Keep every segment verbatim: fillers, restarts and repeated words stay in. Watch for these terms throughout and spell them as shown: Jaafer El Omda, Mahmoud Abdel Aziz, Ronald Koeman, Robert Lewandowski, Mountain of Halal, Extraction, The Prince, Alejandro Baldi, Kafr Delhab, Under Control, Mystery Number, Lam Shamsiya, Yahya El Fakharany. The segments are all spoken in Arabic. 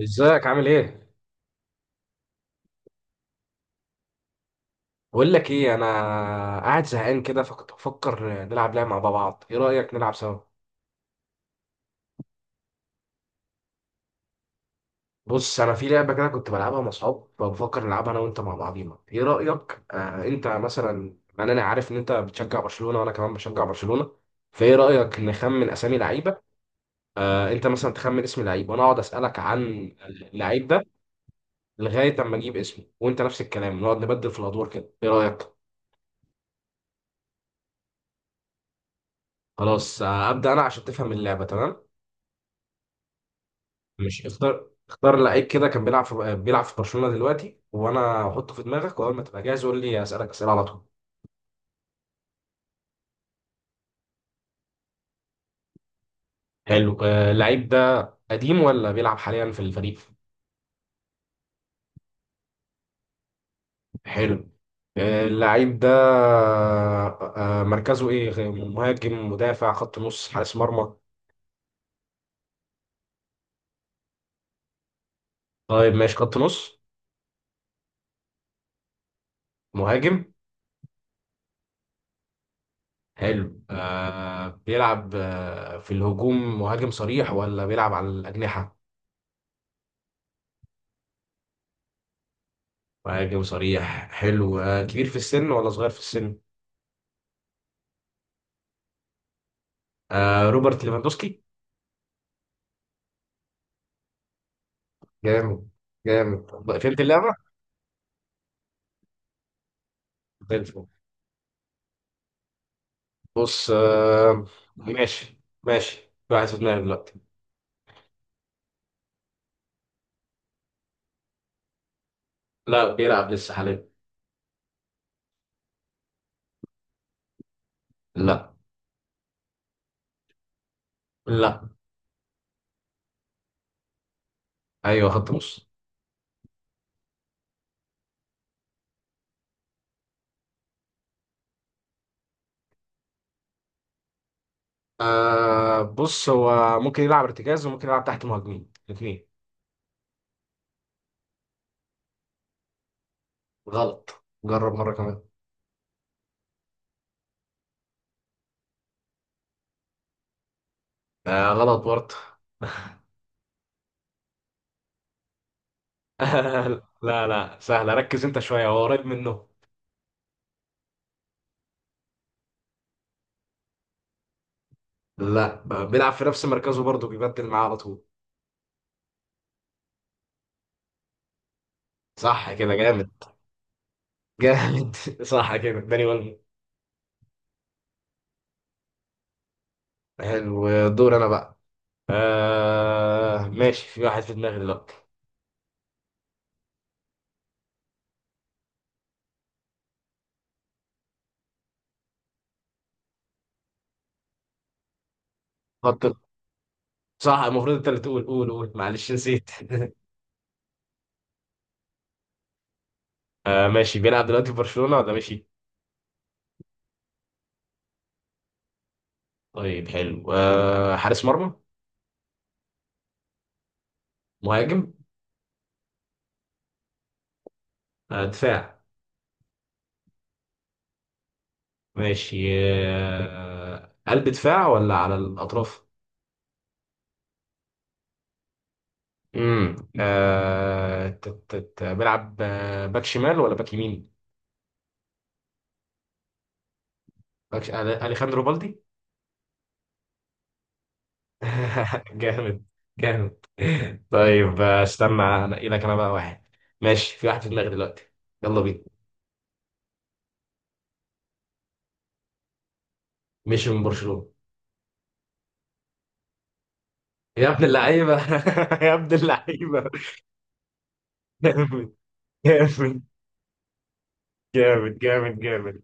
ازيك عامل ايه؟ بقول لك ايه، انا قاعد زهقان كده، فكنت بفكر نلعب لعبه مع بعض. ايه رايك نلعب سوا؟ بص، انا في لعبه كده كنت بلعبها مع اصحاب، فبفكر نلعبها انا وانت مع بعضينا. ايه رايك؟ آه انت مثلا، انا انا عارف ان انت بتشجع برشلونه وانا كمان بشجع برشلونه. فايه رايك نخمن اسامي لعيبه؟ آه انت مثلا تخمن اسم لعيب وانا اقعد اسالك عن اللعيب ده لغايه اما اجيب اسمه، وانت نفس الكلام، نقعد نبدل في الادوار كده. ايه رايك؟ خلاص. آه، ابدا. انا عشان تفهم اللعبه تمام، مش اختار اختار لعيب كده كان بيلعب في بيلعب في برشلونة دلوقتي، وانا هحطه في دماغك، واول ما تبقى جاهز قول لي، اسالك اسئله على طول. حلو. آه، اللعيب ده قديم ولا بيلعب حاليا في الفريق؟ حلو. آه، اللعيب ده، آه، مركزه ايه، غ- مهاجم، مدافع، خط نص، حارس مرمى؟ طيب ماشي، خط نص. مهاجم. حلو. آه بيلعب آه في الهجوم، مهاجم صريح ولا بيلعب على الأجنحة؟ مهاجم صريح. حلو. آه كبير في السن ولا صغير في السن؟ آه روبرت ليفاندوسكي. جامد. جامد بقى، فهمت اللعبة؟ زي الفل. بص. آه ماشي ماشي، في واحد في دماغي دلوقتي. لا بيلعب لسه حاليا. لا، لا. ايوه خط نص. آه بص، هو ممكن يلعب ارتكاز وممكن يلعب تحت مهاجمين، الاثنين. غلط، جرب مرة كمان. آه غلط برضه. لا لا، سهلة، ركز انت شوية، هو قريب منه. لا، بيلعب في نفس مركزه برضه، بيبدل معاه على طول. صح كده، جامد. جامد. صح كده، داني. حلو. دور انا بقى. آه ماشي، في واحد في دماغي دلوقتي. حط. صح، المفروض انت اللي تقول، قول قول، معلش نسيت. آه ماشي، بيلعب دلوقتي في برشلونة ولا ماشي؟ طيب حلو. آه حارس مرمى؟ مهاجم؟ آه دفاع؟ ماشي. آه قلب دفاع ولا على الأطراف؟ امم آه تت- تت- بيلعب، آه، باك شمال ولا باك يمين؟ باك ش- أل- أليخاندرو بالدي. جامد. جامد. طيب استنى، انقي لك انا بقى واحد. ماشي، في واحد في دماغي دلوقتي. يلا بينا. مشي من برشلونة. يا ابن اللعيبة. يا ابن اللعيبة. جامد. جامد جامد جامد جامد.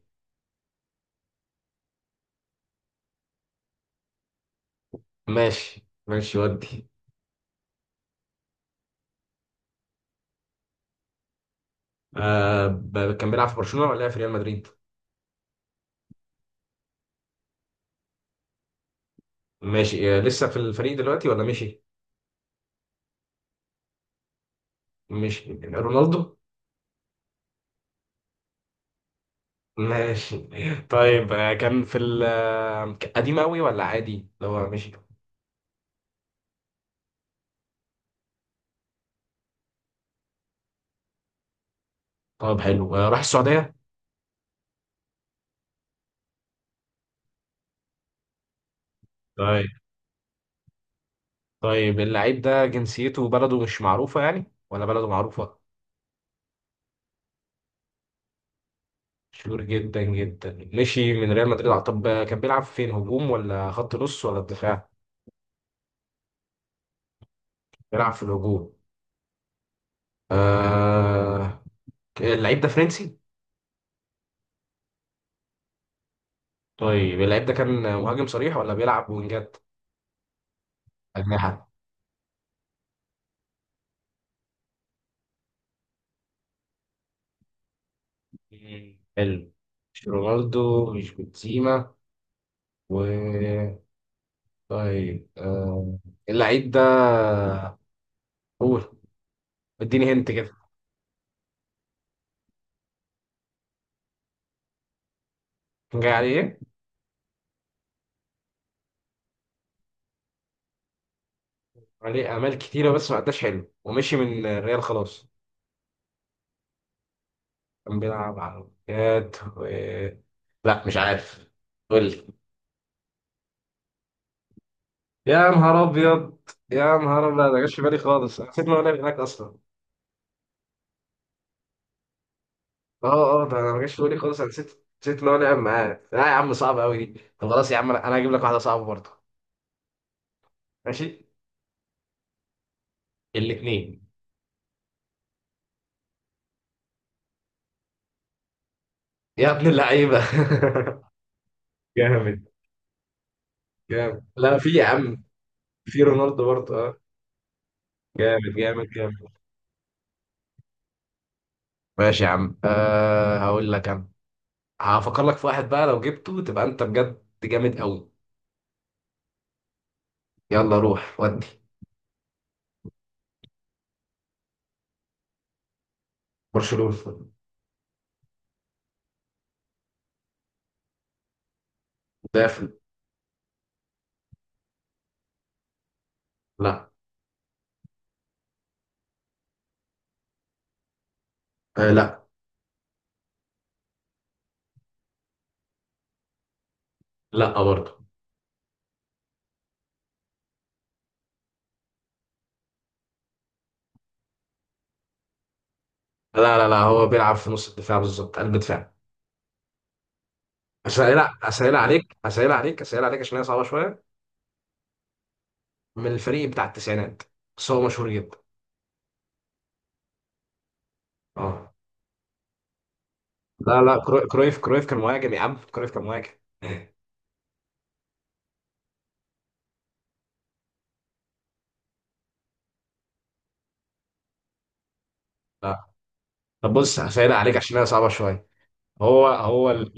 ماشي ماشي ودي. آه ب- كان بيلعب في برشلونة ولا لعب في ريال مدريد؟ ماشي. آه لسه في الفريق دلوقتي ولا مشي؟ مشي رونالدو؟ ماشي. طيب، آه كان في ال آه، قديم قوي ولا عادي اللي هو مشي؟ طب حلو. آه، راح السعودية؟ طيب. طيب، اللعيب ده جنسيته وبلده مش معروفة يعني ولا بلده معروفة؟ مشهور جدا جدا، مشي من ريال مدريد. طب، آه، كان بيلعب فين، هجوم ولا خط نص ولا دفاع؟ بيلعب في الهجوم. آه... اللعيب ده فرنسي؟ طيب، اللعيب ده كان مهاجم صريح ولا بيلعب وينجات؟ أجنحة. مم. حلو. مش رونالدو، مش بنزيما، و... طيب، آه... اللعيب ده، قول، اديني هنت كده. كان جاي عليه ايه؟ عليه اعمال كتيره بس ما اداش حلو، ومشي من الريال خلاص. كان بيلعب على الجهاد و... لا مش عارف، قول لي. يا نهار ابيض. يا نهار ابيض، لا، ده ما جاش في بالي خالص، أنا نسيت ان هو لعب هناك اصلا. اه، اه، ده انا ما جاش في بالي خالص، انا نسيت نسيت ان هو لعب معاه. لا يا عم، صعب قوي دي. طب خلاص يا عم، انا أنا هجيب لك واحده صعبه برضه. ماشي. الاثنين. يا ابن اللعيبه. جامد. جامد، لا في يا عم، في رونالدو برضه، اه. جامد. جامد جامد. ماشي يا عم، أه هقول لك انا. هفكر لك في واحد بقى، لو جبته تبقى انت بجد جامد قوي. يلا روح ودي. برشلونة. دافع. لا. آه لا. لا برضه. لا لا لا، هو بيلعب في نص الدفاع بالظبط، قلب دفاع. اسهل اسهل عليك، اسهل عليك، اسهل عليك، عشان هي صعبه شويه. من الفريق بتاع التسعينات، بس هو مشهور جدا. اه. لا لا، كرو- كرويف كرويف كان مهاجم يا عم، كرويف كان مهاجم. لا. طب بص، هسهل عليك عشان هي صعبه شويه. هو هو ال-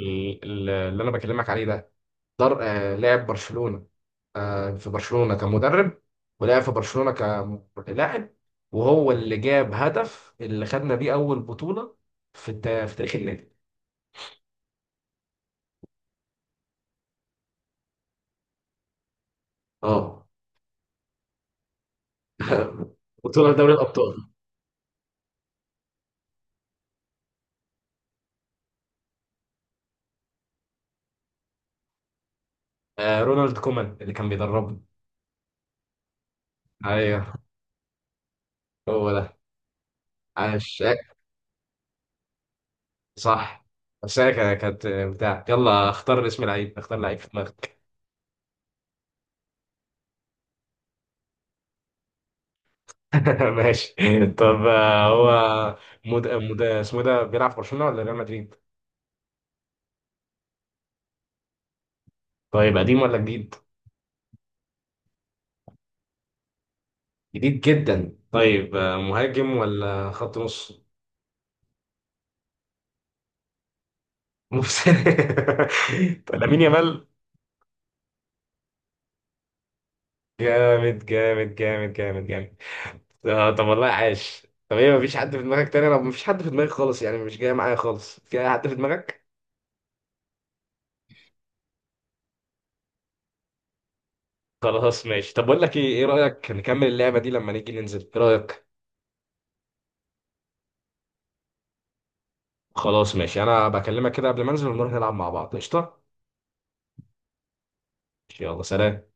ال- اللي انا بكلمك عليه ده، در آه لاعب برشلونة، آه، في برشلونة كمدرب، ولعب في برشلونة كلاعب، وهو اللي جاب هدف اللي خدنا بيه أول بطولة في التا... في تاريخ النادي. اه، بطولة دوري الأبطال. آه، رونالد كومان اللي كان بيدربنا. ايوه هو ده. عاش. صح. بس انا كان- كانت بتاع يلا اختار اسم لعيب، اختار لعيب في دماغك. ماشي. طب، آه، هو مد... مد... اسمه ده بيلعب في برشلونة ولا ريال مدريد؟ طيب قديم ولا جديد؟ جديد جدا. طيب، آه، مهاجم ولا خط نص؟ نص. لامين يامال. جامد جامد جامد جامد جامد. آه طب والله عاش. طب ايه، مفيش حد في دماغك تاني؟ لو مفيش حد في دماغي خالص يعني، مش جاي معايا خالص، جاي حد في دماغك؟ خلاص ماشي. طب بقول لك ايه، ايه رأيك نكمل اللعبة دي لما نيجي ننزل، ايه رأيك؟ خلاص ماشي، انا بكلمك كده قبل ما انزل ونروح نلعب مع بعض، قشطة؟ يلا سلام.